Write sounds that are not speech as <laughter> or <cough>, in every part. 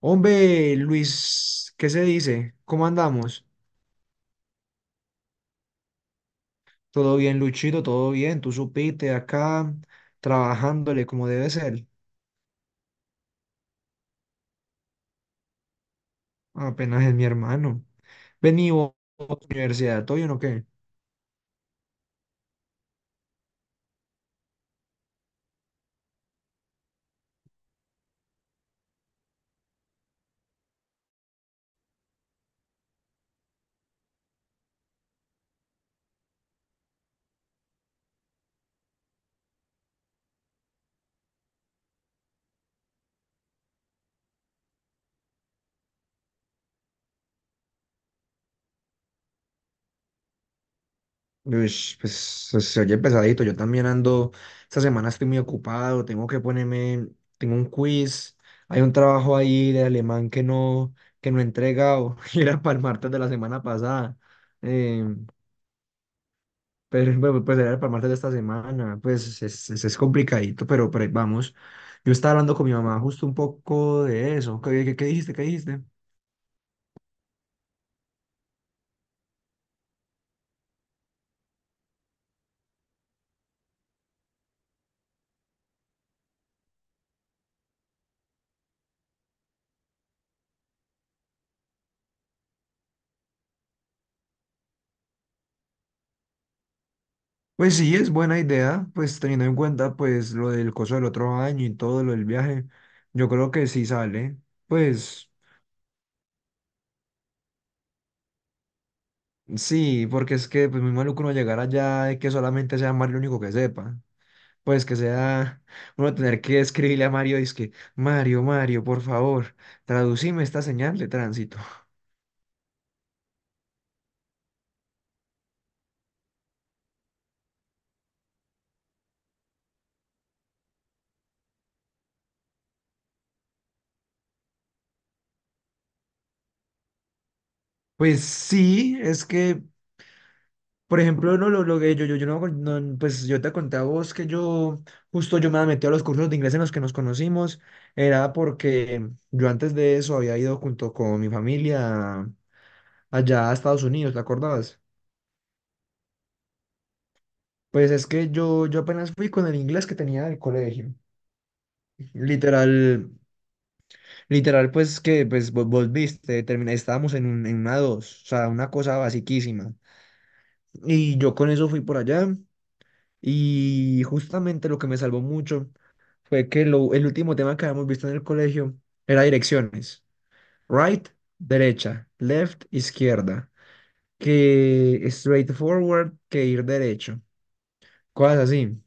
Hombre, Luis, ¿qué se dice? ¿Cómo andamos? Todo bien, Luchito, todo bien. Tú supiste acá trabajándole como debe ser. Apenas es mi hermano. Vení vos, universidad, ¿todo bien o qué? Ush, pues se oye pesadito. Yo también ando. Esta semana estoy muy ocupado. Tengo que ponerme. Tengo un quiz. Hay un trabajo ahí de alemán que no he entregado. <laughs> Y era para el martes de la semana pasada. Em, Pero bueno, era para martes de esta semana, pues es complicadito, pero ahí vamos. Yo estaba hablando con mi mamá justo un poco de eso. ¿Qué dijiste? ¿Qué dijiste? Pues sí, es buena idea, pues teniendo en cuenta pues lo del coso del otro año y todo lo del viaje, yo creo que sí sale. Pues sí, porque es que pues muy maluco uno llegar allá y que solamente sea Mario el único que sepa. Pues que sea <laughs> uno tener que escribirle a Mario, es que Mario, Mario, por favor, traducime esta señal de tránsito. Pues sí, es que, por ejemplo, no lo que yo no, no, pues yo te conté a vos que yo, justo yo me metí a los cursos de inglés en los que nos conocimos, era porque yo antes de eso había ido junto con mi familia allá a Estados Unidos, ¿te acordabas? Pues es que yo apenas fui con el inglés que tenía del colegio, literal, literal, pues que, pues vos viste, terminé, estábamos en una dos, o sea, una cosa basiquísima, y yo con eso fui por allá. Y justamente lo que me salvó mucho fue que el último tema que habíamos visto en el colegio era direcciones. Right, derecha, left, izquierda, que straightforward, que ir derecho, cosas así.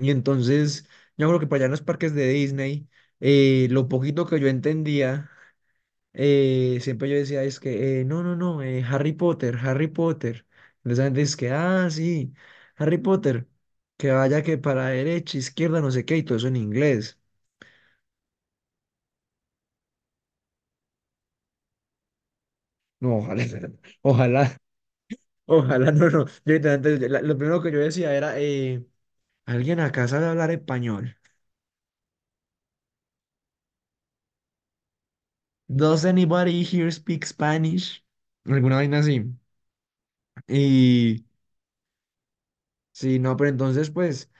Y entonces, yo creo que para allá en los parques de Disney, lo poquito que yo entendía siempre yo decía, es que, no, no, no, Harry Potter, Harry Potter. Entonces la gente dice que, ah, sí, Harry Potter, que vaya que para derecha, izquierda, no sé qué, y todo eso en inglés. No, ojalá, <laughs> ojalá, ojalá, no, no. Yo, literalmente, lo primero que yo decía era, ¿alguien acá sabe hablar español? ¿Does anybody here speak Spanish? Alguna vaina así. Y sí, no, pero entonces, pues.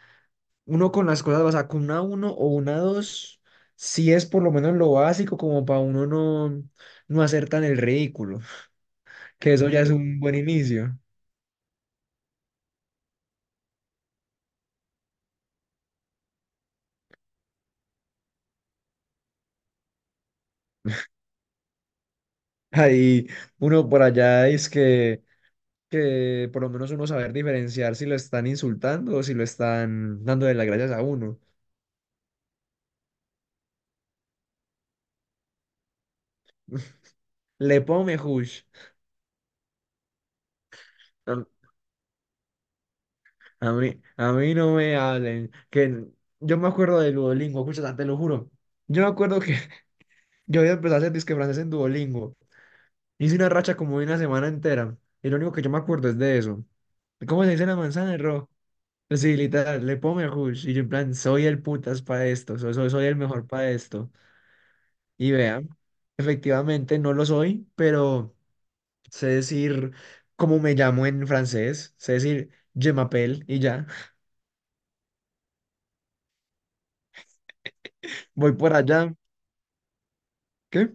Uno con las cosas, o sea, con una uno o una 2, sí es por lo menos lo básico como para uno no, no hacer tan el ridículo, <laughs> que eso ya es un buen inicio. <laughs> Ahí uno por allá es que por lo menos uno saber diferenciar si lo están insultando o si lo están dando de las gracias a uno. Le pone hush. A a mí, a mí no me hablen. Que yo me acuerdo de Duolingo, escucha, te lo juro. Yo me acuerdo que <laughs> yo había empezado a hacer disque francés en Duolingo. Hice una racha como de una semana entera. Y lo único que yo me acuerdo es de eso. ¿Cómo se dice la manzana, Ro? Sí, literal, le pongo el hush. Y yo en plan, soy el putas para esto. Soy el mejor para esto. Y vean, efectivamente no lo soy, pero sé decir cómo me llamo en francés. Sé decir, je m'appelle y ya. <laughs> Voy por allá. ¿Qué?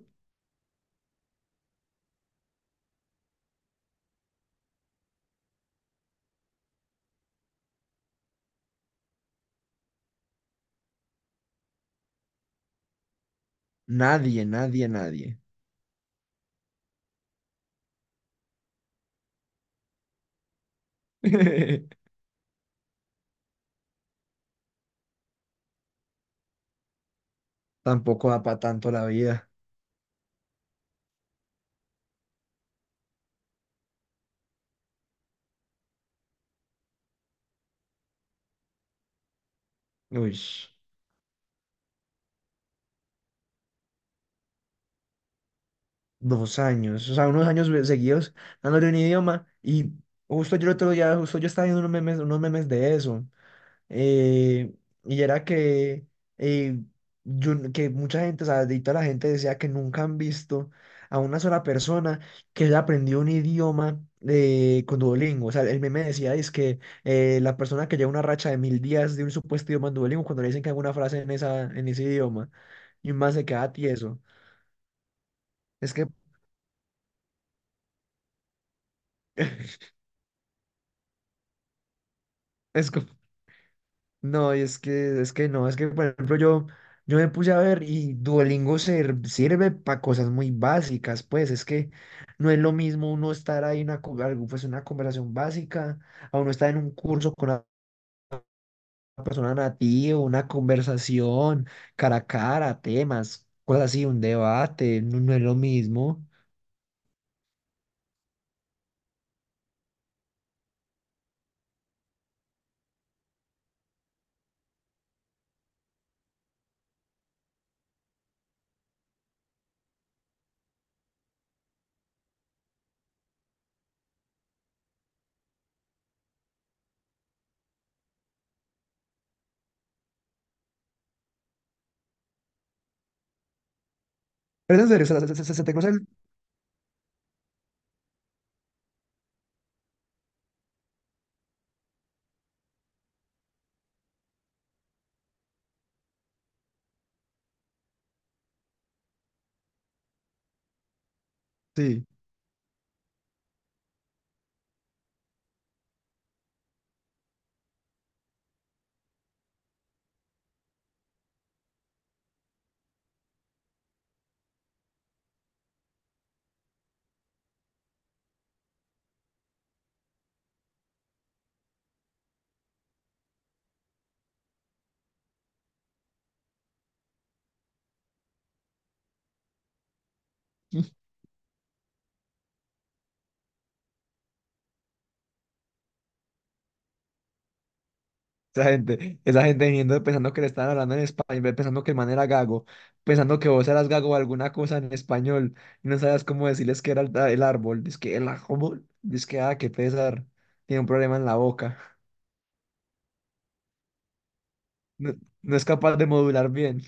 Nadie, nadie, nadie. <laughs> Tampoco da para tanto la vida. Uy. 2 años, o sea, unos años seguidos dándole un idioma y justo yo el otro día, justo yo estaba viendo unos memes de eso. eh, y era que, eh, yo, que mucha gente, o sea, de toda la gente decía que nunca han visto a una sola persona que haya aprendido un idioma con Duolingo. O sea, el meme decía es que la persona que lleva una racha de 1.000 días de un supuesto idioma en Duolingo, cuando le dicen que haga una frase en, en ese idioma, y más se queda tieso. Es que <laughs> es como... No, y es que, no, es que por ejemplo yo me puse a ver y Duolingo sirve para cosas muy básicas, pues es que no es lo mismo uno estar ahí en una, algo, pues, una conversación básica, a uno estar en un curso con una persona nativa, una conversación cara a cara, temas, cosas así, un debate, no, no es lo mismo. Pero en serio, se te cruza el... Sí. Esa gente viniendo pensando que le estaban hablando en español, pensando que el man era gago, pensando que vos eras gago o alguna cosa en español, y no sabías cómo decirles que era el árbol. Dice que el árbol, dice que, ah, qué pesar, tiene un problema en la boca. No, no es capaz de modular bien.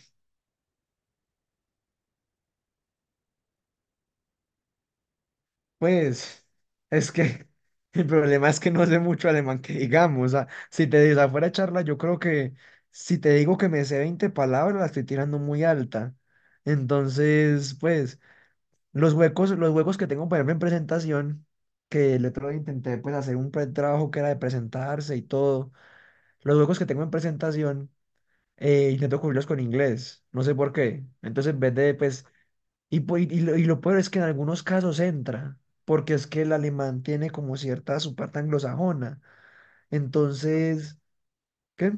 Pues, es que <laughs> el problema es que no sé mucho alemán que digamos. O sea, si te digo afuera charla, yo creo que si te digo que me sé 20 palabras, la estoy tirando muy alta. Entonces, pues. Los huecos que tengo, por ejemplo, en presentación, que el otro día intenté pues hacer un trabajo que era de presentarse y todo, los huecos que tengo en presentación, intento cubrirlos con inglés, no sé por qué. Entonces, en vez de pues, y lo peor es que en algunos casos entra, porque es que el alemán tiene como cierta su parte anglosajona. Entonces, ¿qué?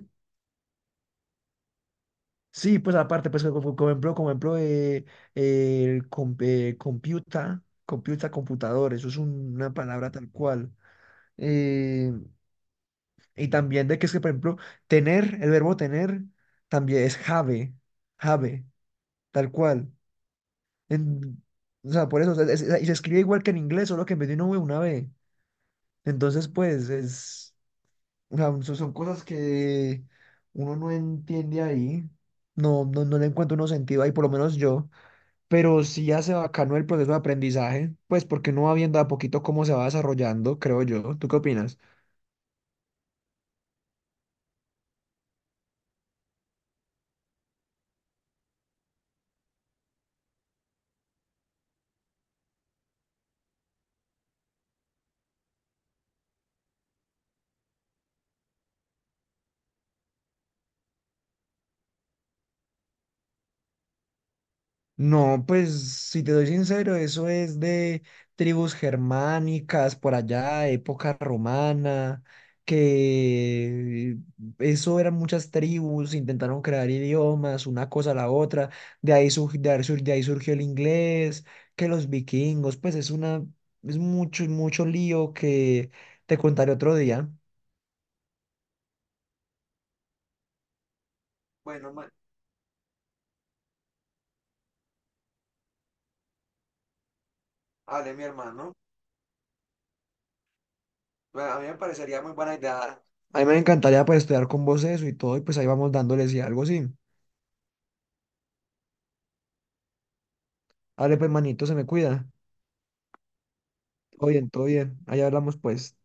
Sí, pues aparte, pues como ejemplo, el computador, eso es una palabra tal cual. Eh, y también de que es que, por ejemplo, tener, el verbo tener también es have, have, tal cual. En- o sea, por eso, o sea, y se escribe igual que en inglés, solo que en vez de una V, una B. Entonces, pues, es, o sea, son cosas que uno no entiende ahí. No, no, no le encuentro uno sentido ahí, por lo menos yo. Pero sí hace bacano el proceso de aprendizaje, pues porque uno va viendo de a poquito cómo se va desarrollando, creo yo. ¿Tú qué opinas? No, pues si te soy sincero, eso es de tribus germánicas por allá, época romana, que eso eran muchas tribus, intentaron crear idiomas, una cosa a la otra, de ahí surgió el inglés, que los vikingos, pues es mucho, mucho lío que te contaré otro día. Bueno, hable mi hermano. Bueno, a mí me parecería muy buena idea. A mí me encantaría pues estudiar con vos eso y todo, y pues ahí vamos dándoles y algo así. Dale, pues, manito, se me cuida. Todo bien, todo bien. Ahí hablamos pues.